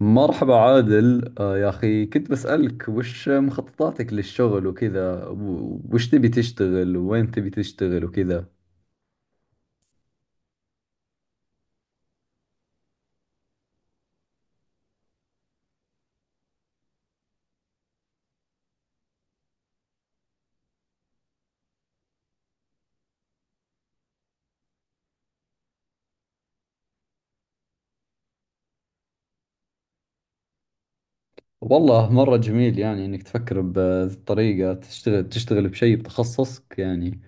مرحبا عادل، يا أخي، كنت بسألك وش مخططاتك للشغل وكذا وش تبي تشتغل، وين تبي تشتغل وكذا. والله مرة جميل يعني إنك تفكر بطريقة تشتغل بشيء بتخصصك يعني.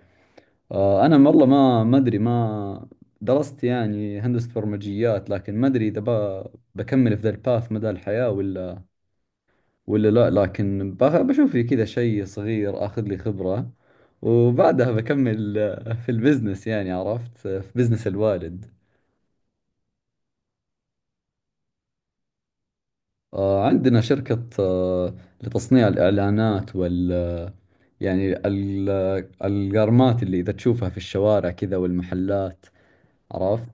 أنا والله ما أدري، ما درست يعني هندسة برمجيات، لكن ما أدري إذا بكمل في ذا الباث مدى الحياة ولا، ولا لا لكن بشوف لي كذا شيء صغير، اخذ لي خبرة وبعدها بكمل، في البزنس يعني. عرفت؟ في بزنس الوالد. عندنا شركة، لتصنيع الإعلانات يعني القرمات اللي إذا تشوفها في الشوارع كذا والمحلات. عرفت؟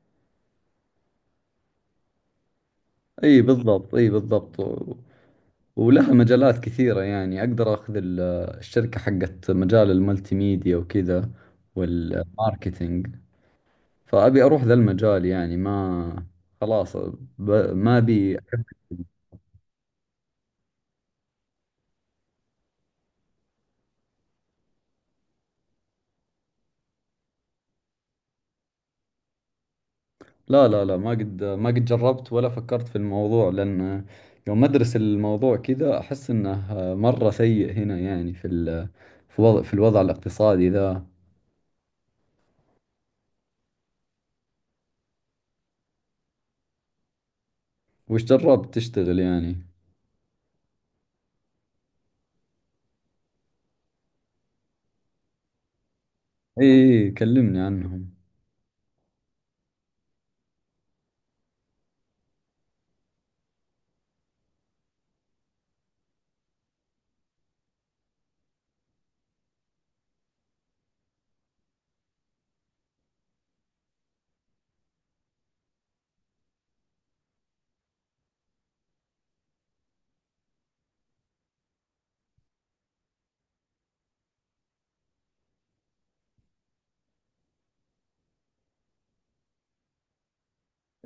أي بالضبط، أي بالضبط، ولها مجالات كثيرة يعني. أقدر أخذ الشركة حقت مجال الملتي ميديا وكذا والماركتينج. فأبي أروح ذا المجال يعني، ما خلاص، ب... ما أبي. لا لا لا، ما قد جربت ولا فكرت في الموضوع، لأن يوم أدرس الموضوع كذا أحس إنه مرة سيء هنا، يعني في ال... في وضع... في الوضع الاقتصادي ذا. وش جربت تشتغل يعني؟ إي، كلمني عنهم.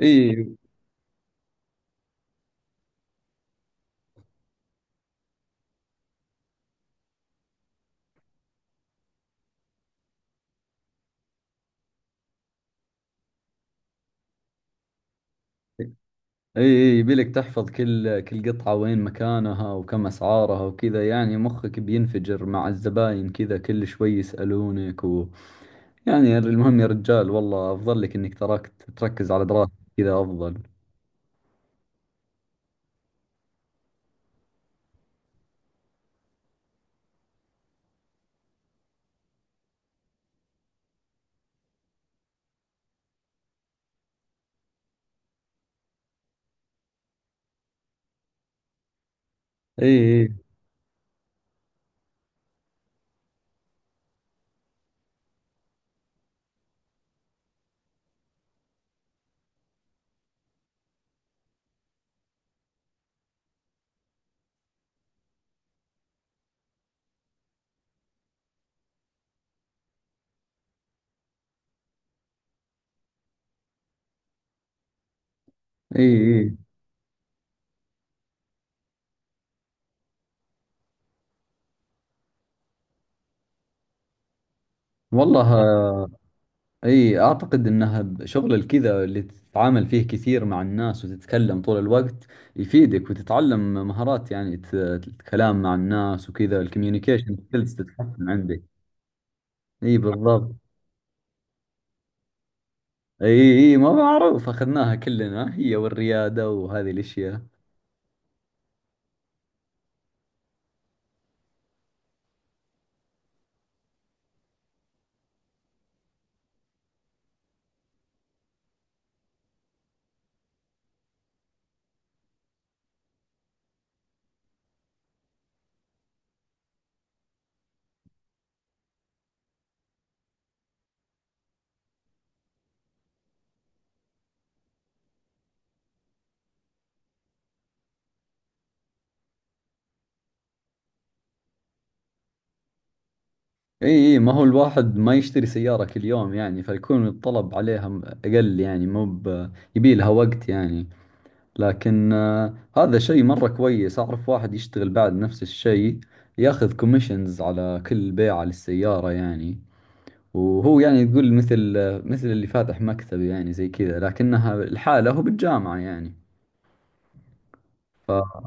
إي، إي، إي، يبيلك تحفظ كل قطعة وين مكانها وكم أسعارها وكذا، يعني مخك بينفجر مع الزباين، كذا كل شوي يسألونك يعني. المهم يا رجال، والله افضل لك انك تركت، تركز على دراستك كذا افضل. اي، اي، اي، اي، والله. اي اعتقد انها شغل الكذا اللي تتعامل فيه كثير مع الناس وتتكلم طول الوقت، يفيدك وتتعلم مهارات يعني، الكلام مع الناس وكذا، الكوميونيكيشن سكيلز تتحسن عندك. اي بالضبط. اي، اي، ما معروف، اخذناها كلنا هي والريادة وهذه الاشياء. اي، اي، ما هو الواحد ما يشتري سيارة كل يوم يعني، فيكون الطلب عليها اقل، يعني مو يبي لها وقت يعني. لكن، هذا شيء مرة كويس. اعرف واحد يشتغل بعد نفس الشيء، ياخذ كوميشنز على كل بيعة للسيارة يعني. وهو يعني، تقول مثل، مثل اللي فاتح مكتب يعني، زي كذا، لكنها الحالة هو بالجامعة يعني. ف...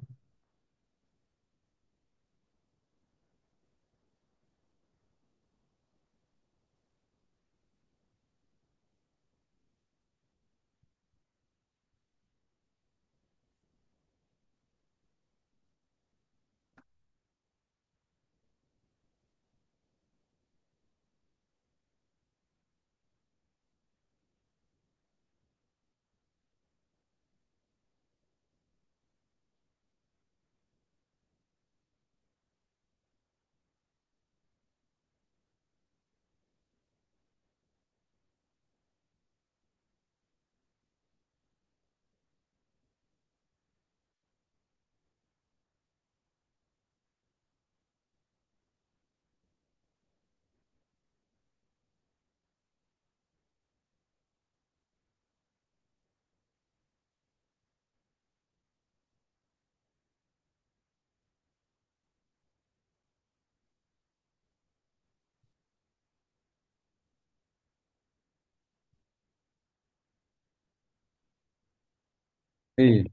إي.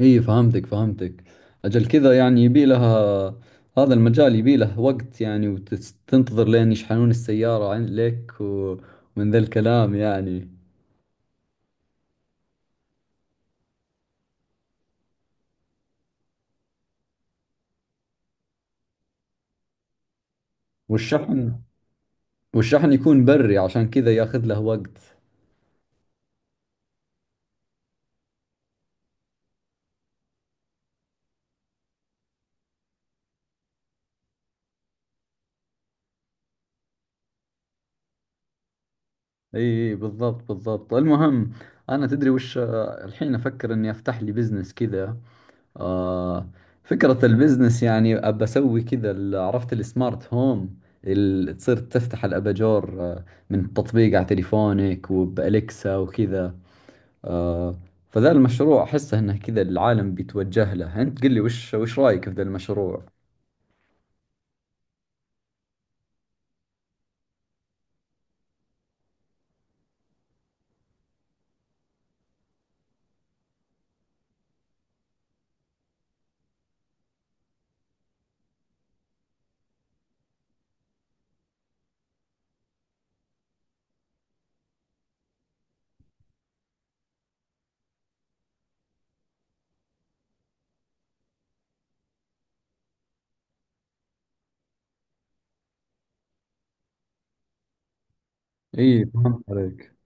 اي فهمتك، فهمتك. اجل كذا يعني يبي لها، هذا المجال يبي له وقت يعني، وتنتظر لين يشحنون السيارة لك ومن ذا الكلام يعني. والشحن، والشحن يكون بري عشان كذا ياخذ له وقت. اي، إي بالضبط، بالضبط. المهم، انا تدري وش، الحين افكر اني افتح لي بزنس كذا. آه فكرة البزنس يعني أبى أسوي كذا، عرفت السمارت هوم اللي تصير تفتح الأباجور من تطبيق على تليفونك وبأليكسا وكذا. آه فذا المشروع أحسه إنه كذا العالم بيتوجه له. أنت قل لي، وش رأيك في ذا المشروع؟ إيه فهمت عليك.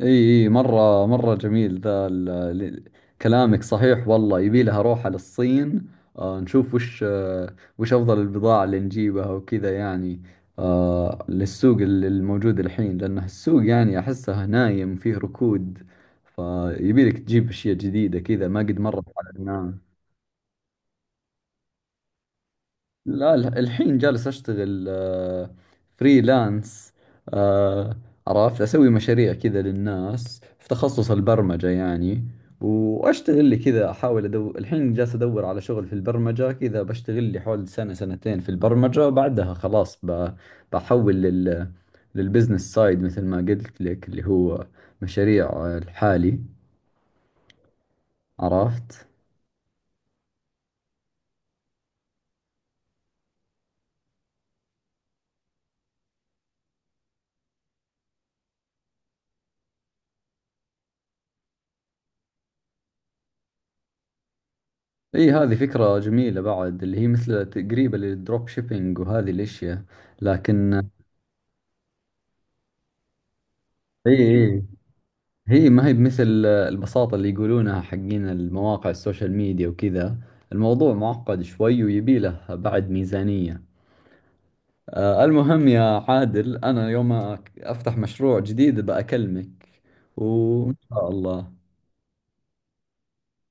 اي، اي، مرة مرة جميل ذا ال- كلامك صحيح. والله يبي لها اروح على الصين، نشوف وش، وش افضل البضاعة اللي نجيبها وكذا يعني، للسوق الموجود الحين، لانه السوق يعني احسه نايم، فيه ركود، فيبي لك تجيب اشياء جديدة كذا، ما قد مرت على الناس. لا، الحين جالس أشتغل فريلانس. آه، عرفت أسوي مشاريع كذا للناس في تخصص البرمجة يعني. وأشتغل لي كذا، أحاول أدور، الحين جالس أدور على شغل في البرمجة كذا، بشتغل لي حول سنة سنتين في البرمجة، بعدها خلاص، بحول للبزنس سايد، مثل ما قلت لك اللي هو مشاريع، الحالي. عرفت. اي هذه فكرة جميلة بعد، اللي هي مثل قريبة للدروب شيبينج وهذه الاشياء، لكن، اي، اي، هي ما هي بمثل البساطة اللي يقولونها حقين المواقع السوشيال ميديا وكذا. الموضوع معقد شوي، ويبي له بعد ميزانية. المهم يا عادل، انا يوم افتح مشروع جديد بأكلمك، وان شاء الله.